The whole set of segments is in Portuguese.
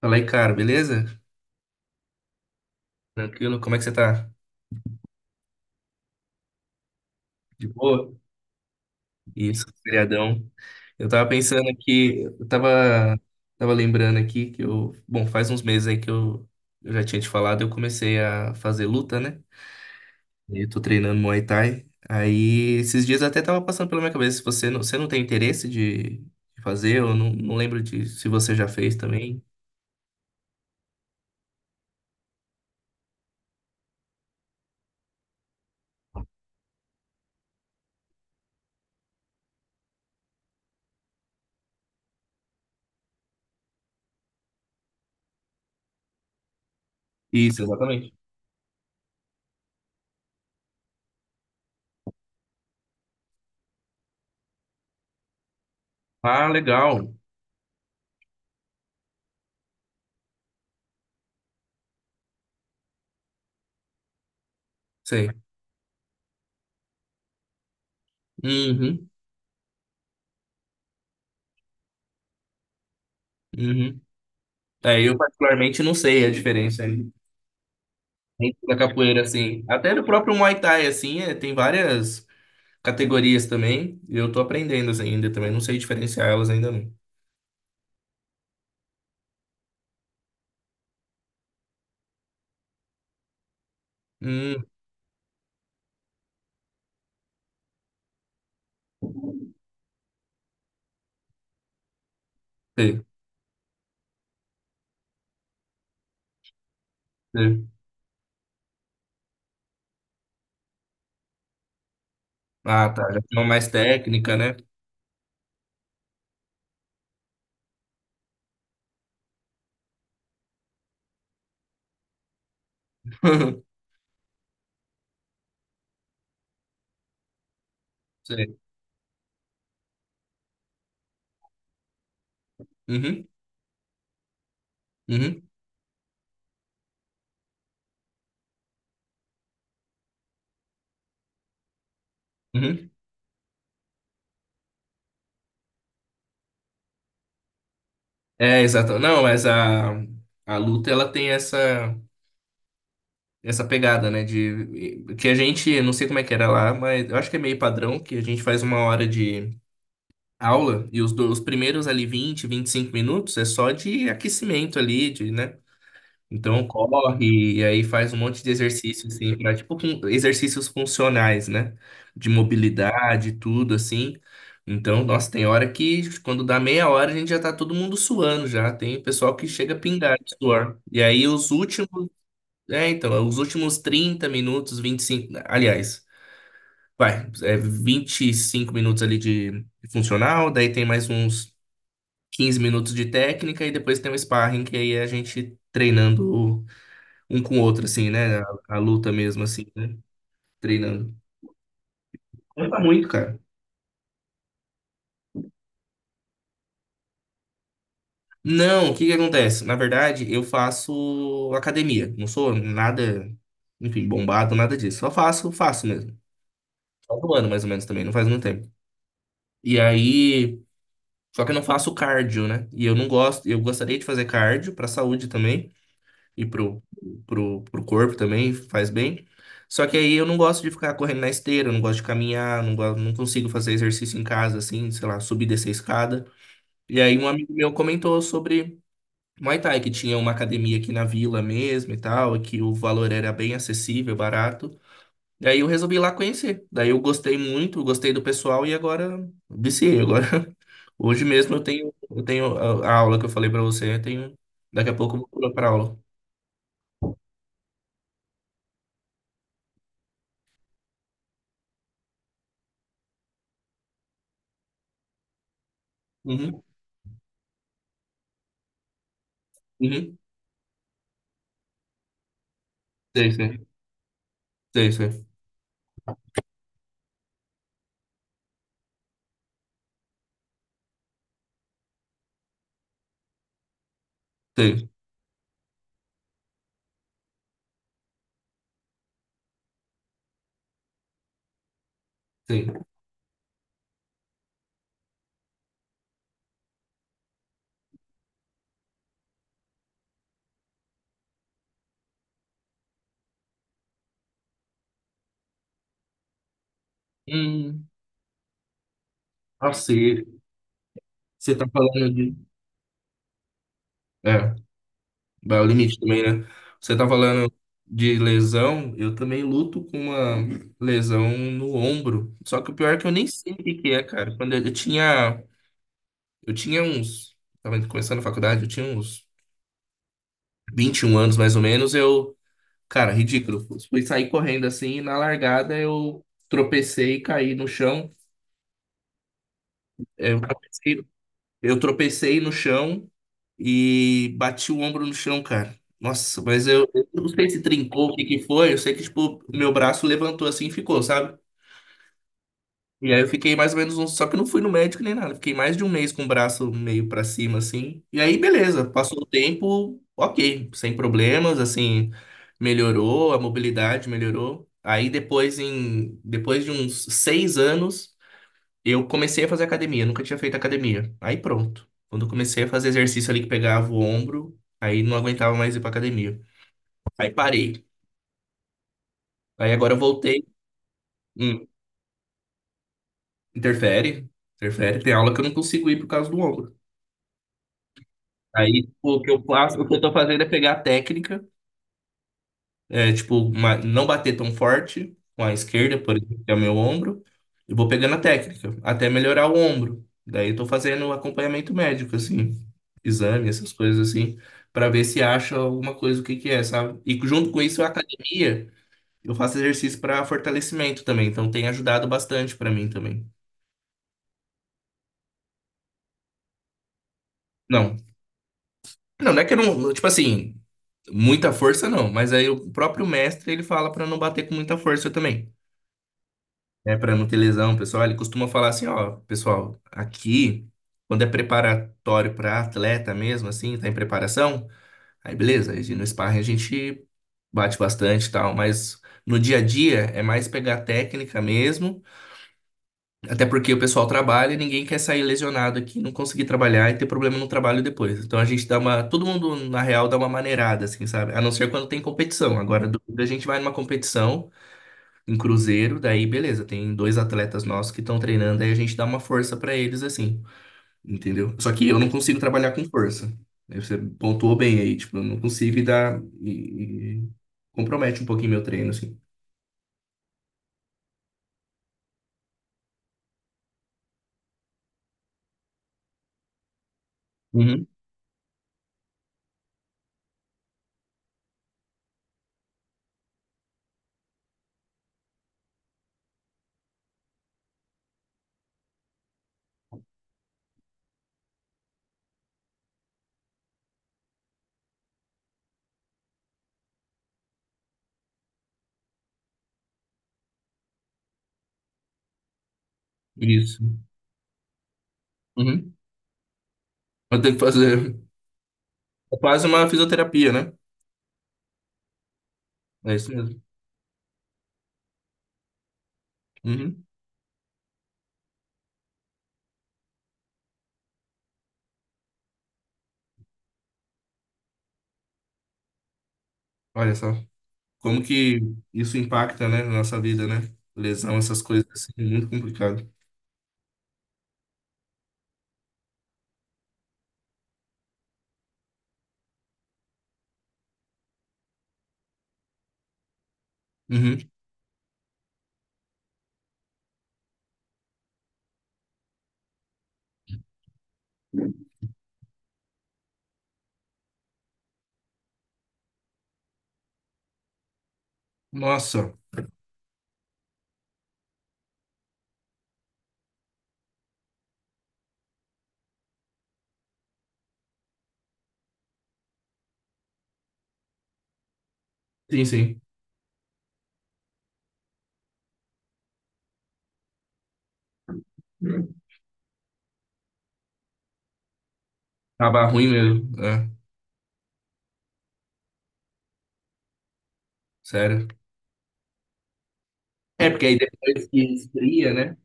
Fala aí, cara, beleza? Tranquilo? Como é que você tá? De boa? Isso, feriadão. Eu tava pensando aqui, tava lembrando aqui que eu, bom, faz uns meses aí que eu já tinha te falado, eu comecei a fazer luta, né? E eu tô treinando Muay Thai. Aí, esses dias até tava passando pela minha cabeça, se você não tem interesse de fazer, eu não lembro de se você já fez também. Isso, exatamente. Ah, legal. Sei. Uhum, uhum. Aí eu particularmente não sei a diferença. Dentro da capoeira, assim. Até no próprio Muay Thai, assim, é, tem várias categorias também. E eu tô aprendendo assim, ainda também. Não sei diferenciar elas ainda não. Hum, sei, sei. Ah, tá. Já tem uma mais técnica, né? Sei. Uhum, uhum, uhum. É, exato. Não, mas a luta, ela tem essa pegada, né? De, que a gente, não sei como é que era lá, mas eu acho que é meio padrão, que a gente faz uma hora de aula e os primeiros ali 20 25 minutos é só de aquecimento ali, de, né? Então corre e aí faz um monte de exercício assim, pra, tipo exercícios funcionais, né? De mobilidade, tudo assim. Então, nossa, tem hora que quando dá meia hora a gente já tá todo mundo suando já. Tem pessoal que chega a pingar de suor. E aí os últimos, é, então, os últimos 30 minutos, 25 aliás, vai, é 25 minutos ali de funcional, daí tem mais uns 15 minutos de técnica e depois tem um sparring, que aí é a gente treinando um com o outro, assim, né? A luta mesmo, assim, né? Treinando. Conta muito, cara. Não, o que que acontece? Na verdade, eu faço academia. Não sou nada, enfim, bombado, nada disso. Só faço, faço mesmo. Faz um ano, mais ou menos, também. Não faz muito tempo. E aí... Só que eu não faço cardio, né? E eu não gosto... Eu gostaria de fazer cardio pra saúde também. E pro, pro corpo também faz bem. Só que aí eu não gosto de ficar correndo na esteira, eu não gosto de caminhar, não gosto, não consigo fazer exercício em casa, assim, sei lá, subir e descer a escada. E aí um amigo meu comentou sobre Muay Thai, que tinha uma academia aqui na vila mesmo e tal, e que o valor era bem acessível, barato. Daí eu resolvi ir lá conhecer. Daí eu gostei muito, gostei do pessoal e agora viciei. Agora, hoje mesmo eu tenho a aula que eu falei pra você, eu tenho, daqui a pouco eu vou pular pra aula. Uhum, uhum. Sei, sei, sei, sei, sei, sei. Hum, ah, sei. Você tá falando de. É, vai ao limite também, né? Você tá falando de lesão, eu também luto com uma lesão no ombro. Só que o pior é que eu nem sei o que que é, cara. Quando eu tinha. Eu tinha uns. Tava começando a faculdade, eu tinha uns 21 anos mais ou menos. Eu. Cara, ridículo. Fui sair correndo assim, e na largada eu tropecei e caí no chão. Eu tropecei Eu tropecei no chão e bati o ombro no chão, cara. Nossa, mas eu não sei se trincou, o que que foi. Eu sei que, tipo, meu braço levantou assim e ficou, sabe? E aí eu fiquei mais ou menos um. Só que eu não fui no médico nem nada. Fiquei mais de um mês com o braço meio pra cima, assim. E aí, beleza. Passou o tempo, ok. Sem problemas, assim. Melhorou, a mobilidade melhorou. Aí depois, em, depois de uns 6 anos. Eu comecei a fazer academia, nunca tinha feito academia. Aí pronto. Quando eu comecei a fazer exercício ali que pegava o ombro, aí não aguentava mais ir pra academia. Aí parei. Aí agora eu voltei. Hum, interfere, interfere. Tem aula que eu não consigo ir por causa do ombro. Aí tipo, o que eu faço, o que eu tô fazendo é pegar a técnica. É, tipo, uma, não bater tão forte com a esquerda, por exemplo, que é o meu ombro. Eu vou pegando a técnica, até melhorar o ombro. Daí eu tô fazendo acompanhamento médico, assim, exame, essas coisas assim, pra ver se acha alguma coisa, o que que é, sabe? E junto com isso, a academia, eu faço exercício pra fortalecimento também, então tem ajudado bastante pra mim também. Não, não, não é que eu não, tipo assim, muita força não, mas aí o próprio mestre, ele fala pra não bater com muita força também. Né, para não ter lesão, pessoal, ele costuma falar assim, ó, pessoal, aqui, quando é preparatório para atleta mesmo, assim, tá em preparação, aí beleza, aí no sparring a gente bate bastante e tal, mas no dia a dia é mais pegar técnica mesmo, até porque o pessoal trabalha e ninguém quer sair lesionado aqui, não conseguir trabalhar e ter problema no trabalho depois. Então a gente dá uma, todo mundo na real dá uma maneirada, assim, sabe? A não ser quando tem competição. Agora, a gente vai numa competição, em Cruzeiro, daí beleza, tem dois atletas nossos que estão treinando, aí a gente dá uma força pra eles assim, entendeu? Só que eu não consigo trabalhar com força. Aí você pontuou bem aí, tipo, eu não consigo e dá e compromete um pouquinho meu treino assim. Uhum, isso. Uhum. Eu tenho que fazer é quase uma fisioterapia, né? É isso mesmo. Uhum. Olha só, como que isso impacta, né, na nossa vida, né? Lesão, essas coisas assim, é muito complicado. Uhum. Nossa, sim, sim. Tava ruim mesmo. É. Sério? É, porque aí depois que esfria, né?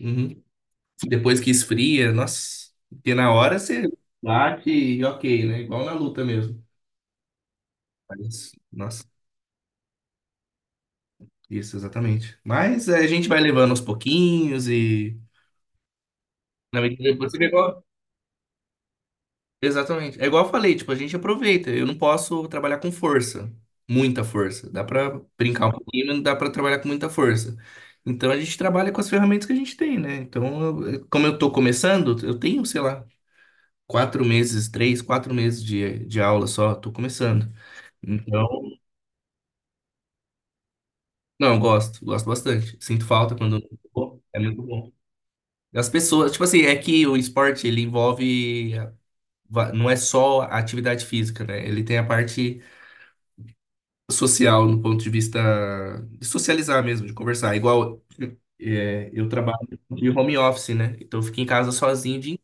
Uhum. Depois que esfria, nossa. Porque na hora você bate e ok, né? Igual na luta mesmo. Mas, nossa, isso, exatamente. Mas é, a gente vai levando aos pouquinhos e. Na medida que você igual. Exatamente. É igual eu falei, tipo, a gente aproveita. Eu não posso trabalhar com força. Muita força. Dá pra brincar um pouquinho, mas não dá pra trabalhar com muita força. Então a gente trabalha com as ferramentas que a gente tem, né? Então, eu, como eu tô começando, eu tenho, sei lá, 4 meses, três, 4 meses de aula só, tô começando. Então, não, gosto, gosto bastante. Sinto falta quando não vou, é muito bom. As pessoas, tipo assim, é que o esporte, ele envolve, não é só a atividade física, né? Ele tem a parte social, no ponto de vista de socializar mesmo, de conversar. Igual, é, eu trabalho de home office, né? Então, eu fico em casa sozinho o dia.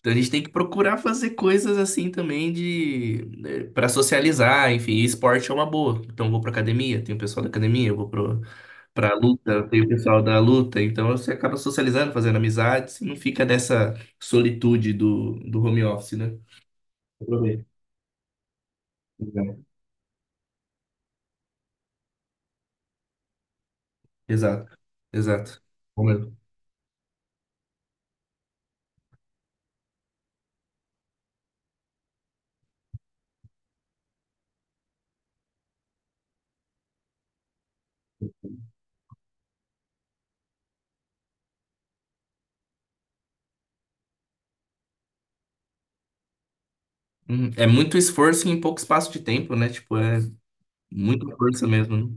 Então a gente tem que procurar fazer coisas assim também de para socializar, enfim, e esporte é uma boa. Então eu vou para academia, tem o pessoal da academia, eu vou pro, para luta, tem o pessoal da luta, então você acaba socializando, fazendo amizades, e não fica dessa solitude do, do home office, né? Aproveita. Exato. Exato. Bom mesmo. Uhum. É muito esforço em pouco espaço de tempo, né? Tipo, é muita força mesmo, né?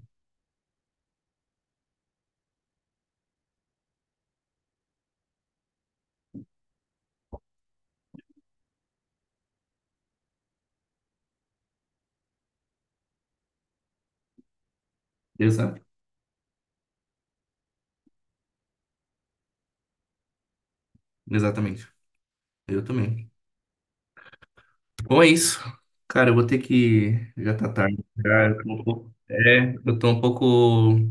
Exato. Exatamente. Eu também. Bom, é isso. Cara, eu vou ter que. Já tá tarde. Já, eu tô é, eu tô um pouco.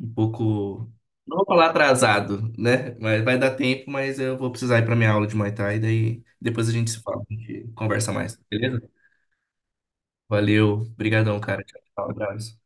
Um pouco. Não vou falar atrasado, né? Mas vai dar tempo, mas eu vou precisar ir pra minha aula de Muay Thai, daí depois a gente se fala, a gente conversa mais, beleza? Valeu, brigadão, cara. Tchau, tchau, abraço.